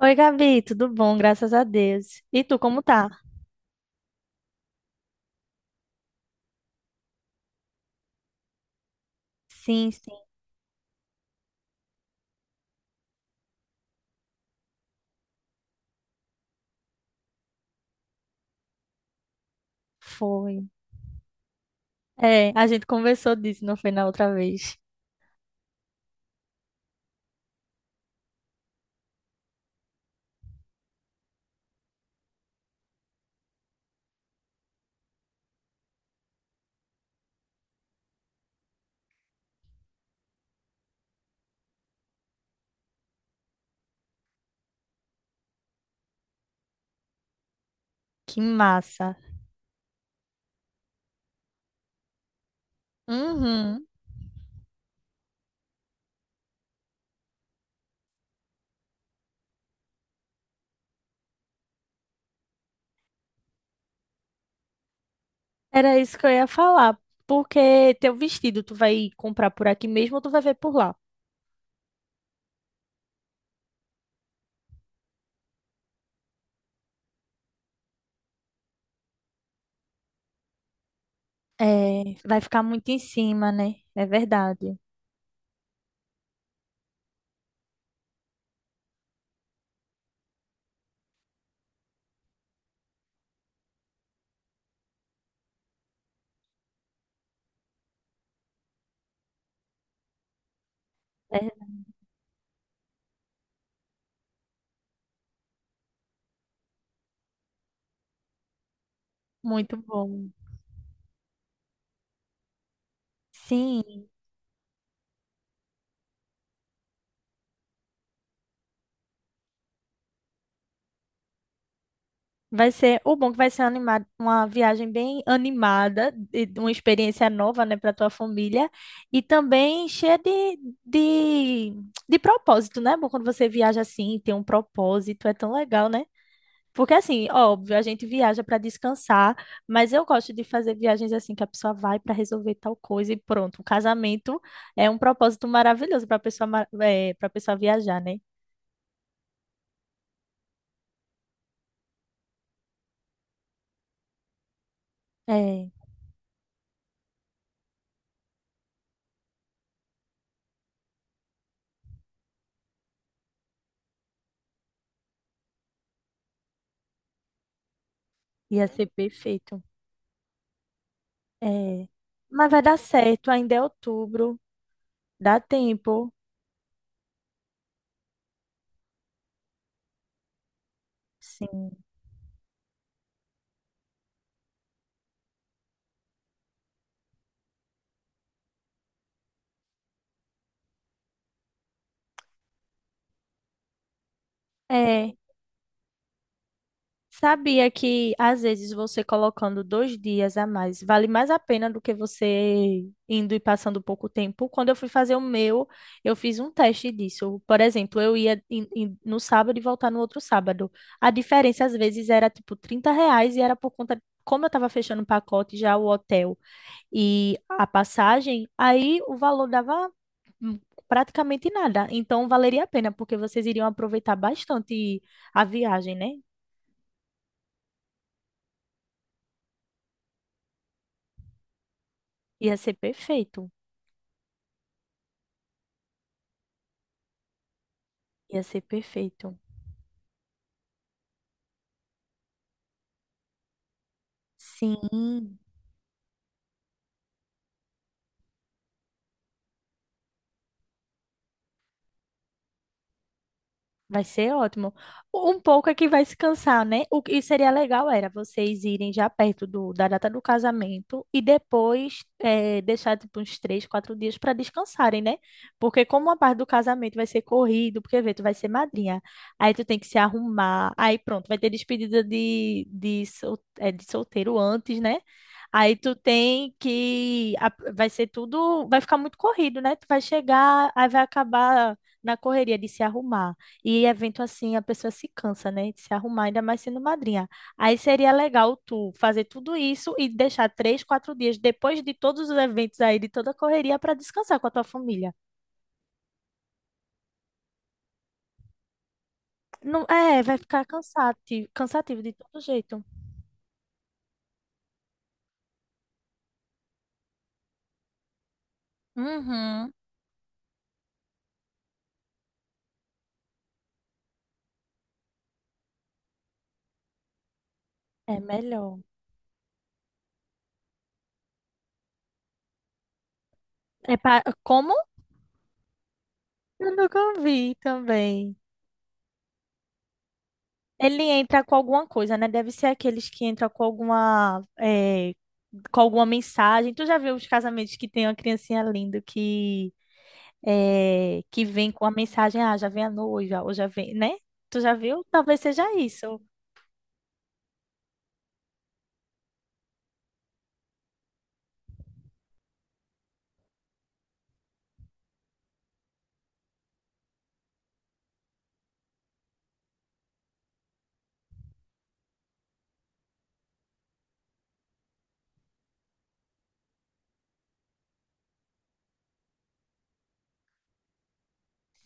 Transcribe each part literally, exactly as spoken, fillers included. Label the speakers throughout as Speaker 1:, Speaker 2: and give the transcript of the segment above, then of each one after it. Speaker 1: Oi, Gabi, tudo bom? Graças a Deus. E tu, como tá? Sim, sim, foi. É, a gente conversou disso, não foi na outra vez? Que massa. Uhum. Era isso que eu ia falar. Porque teu vestido, tu vai comprar por aqui mesmo ou tu vai ver por lá? É, vai ficar muito em cima, né? É verdade. É muito bom. Sim. Vai ser, o bom é que vai ser animado, uma viagem bem animada, e uma experiência nova, né, para tua família e também cheia de, de, de propósito, né? É bom, quando você viaja assim, tem um propósito, é tão legal, né? Porque assim, óbvio, a gente viaja para descansar, mas eu gosto de fazer viagens assim que a pessoa vai para resolver tal coisa e pronto. O casamento é um propósito maravilhoso para pessoa, para pessoa viajar, né? É, ia ser perfeito. É, mas vai dar certo, ainda é outubro, dá tempo. Sim. É, sabia que às vezes você colocando dois dias a mais vale mais a pena do que você indo e passando pouco tempo? Quando eu fui fazer o meu, eu fiz um teste disso. Por exemplo, eu ia em- em- no sábado e voltar no outro sábado. A diferença às vezes era tipo trinta reais e era por conta, como eu estava fechando o pacote já o hotel e a passagem, aí o valor dava hum, praticamente nada. Então valeria a pena, porque vocês iriam aproveitar bastante a viagem, né? Ia ser perfeito. Ia ser perfeito. Sim. Vai ser ótimo. Um pouco é que vai se cansar, né? O que seria legal era vocês irem já perto do, da data do casamento e depois eh, deixar tipo uns três, quatro dias para descansarem, né? Porque como a parte do casamento vai ser corrido, porque vê, tu vai ser madrinha, aí tu tem que se arrumar, aí pronto, vai ter despedida de, de, sol, eh, de solteiro antes, né? Aí tu tem que. a- Vai ser tudo. Vai ficar muito corrido, né? Tu vai chegar, aí vai acabar na correria de se arrumar e evento assim, a pessoa se cansa, né? De se arrumar, ainda mais sendo madrinha. Aí seria legal tu fazer tudo isso e deixar três, quatro dias depois de todos os eventos aí, de toda a correria, para descansar com a tua família. Não, é, vai ficar cansativo, cansativo de todo jeito. Uhum. É melhor. É pra, como? Eu nunca vi também. Ele entra com alguma coisa, né? Deve ser aqueles que entram com alguma, é, com alguma mensagem. Tu já viu os casamentos que tem uma criancinha linda que eh, que vem com a mensagem, ah, já vem a noiva, ou já vem, né? Tu já viu? Talvez seja isso.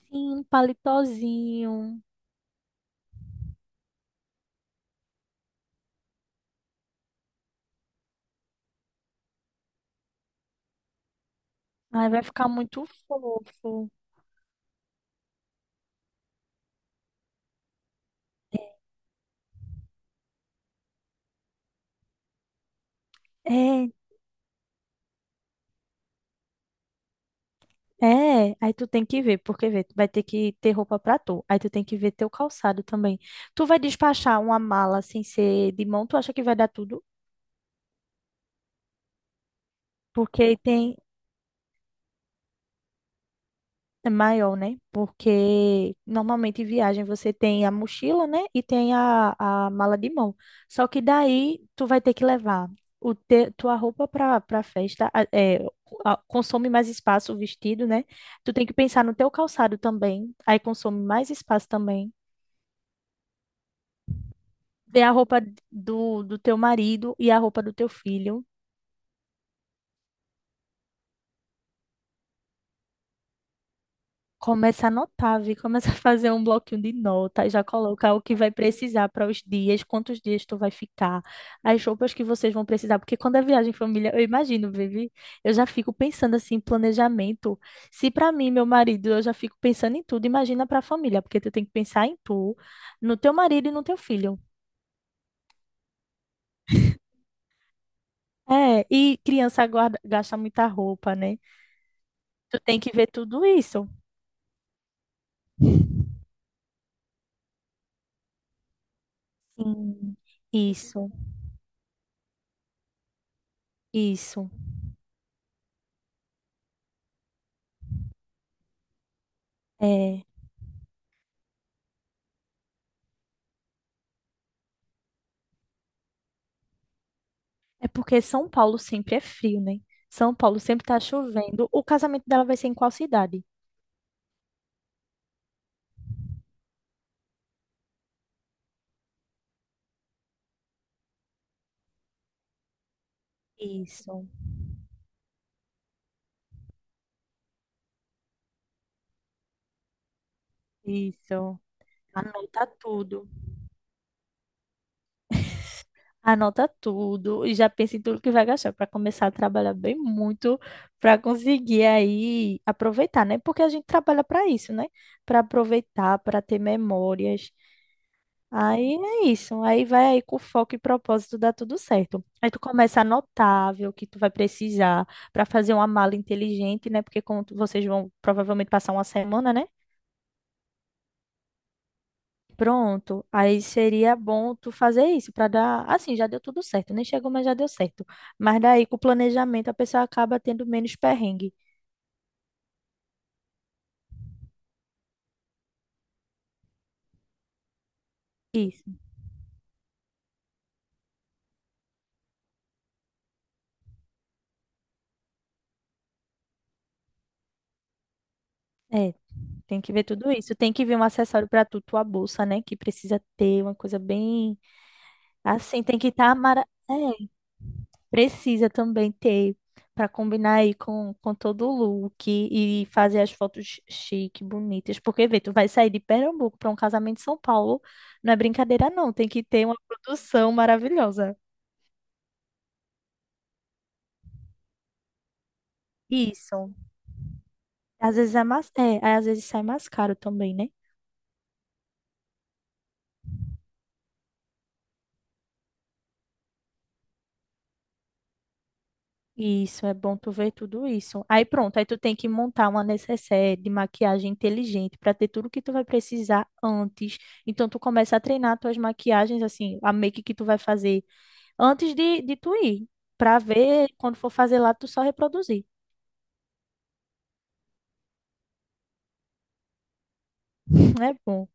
Speaker 1: Sim, um palitozinho. Aí vai ficar muito fofo. É, é. Aí tu tem que ver, porque vê, tu vai ter que ter roupa pra tu. Aí tu tem que ver teu calçado também. Tu vai despachar uma mala sem ser de mão, tu acha que vai dar tudo? Porque tem. É maior, né? Porque normalmente em viagem você tem a mochila, né? E tem a, a mala de mão. Só que daí tu vai ter que levar o te, tua roupa para para festa, a- é, a- consome mais espaço o vestido, né? Tu tem que pensar no teu calçado também, aí consome mais espaço também. Tem a roupa do, do teu marido e a roupa do teu filho. Começa a anotar, vi, começa a fazer um bloquinho de nota, já coloca o que vai precisar para os dias, quantos dias tu vai ficar, as roupas que vocês vão precisar, porque quando é viagem em família, eu imagino, Vivi, eu já fico pensando assim, em planejamento. Se para mim, meu marido, eu já fico pensando em tudo, imagina para a família, porque tu tem que pensar em tu, no teu marido e no teu filho. É, e criança guarda, gasta muita roupa, né? Tu tem que ver tudo isso. Sim, isso, isso. É. É porque São Paulo sempre é frio, né? São Paulo sempre tá chovendo. O casamento dela vai ser em qual cidade? Isso, isso. Anota tudo. Anota tudo e já pensa em tudo que vai gastar para começar a trabalhar bem muito para conseguir aí aproveitar, né? Porque a gente trabalha para isso, né? Para aproveitar, para ter memórias. Aí é isso. Aí vai aí com foco e propósito, dá tudo certo. Aí tu começa a anotar, ver o que tu vai precisar para fazer uma mala inteligente, né? Porque como tu- vocês vão provavelmente passar uma semana, né? Pronto. Aí seria bom tu fazer isso para dar, assim, já deu tudo certo. Nem chegou, mas já deu certo. Mas daí com o planejamento a pessoa acaba tendo menos perrengue. Isso. É, tem que ver tudo isso. Tem que ver um acessório para tu, tua bolsa, né? Que precisa ter uma coisa bem assim, tem que estar mara... É. Precisa também ter para combinar aí com, com todo o look e fazer as fotos chique, bonitas. Porque, vê, tu vai sair de Pernambuco para um casamento em São Paulo, não é brincadeira, não. Tem que ter uma produção maravilhosa. Isso. Às vezes é mais, é, aí às vezes sai mais caro também, né? Isso, é bom tu ver tudo isso. Aí pronto, aí tu tem que montar uma necessaire de maquiagem inteligente para ter tudo que tu vai precisar antes. Então tu começa a treinar tuas maquiagens, assim, a make que tu vai fazer antes de, de tu ir, para ver quando for fazer lá, tu só reproduzir. É bom.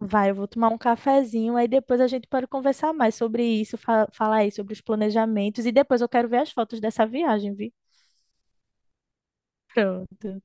Speaker 1: Vai, eu vou tomar um cafezinho, aí depois a gente pode conversar mais sobre isso, fa- falar aí sobre os planejamentos, e depois eu quero ver as fotos dessa viagem, viu? Pronto.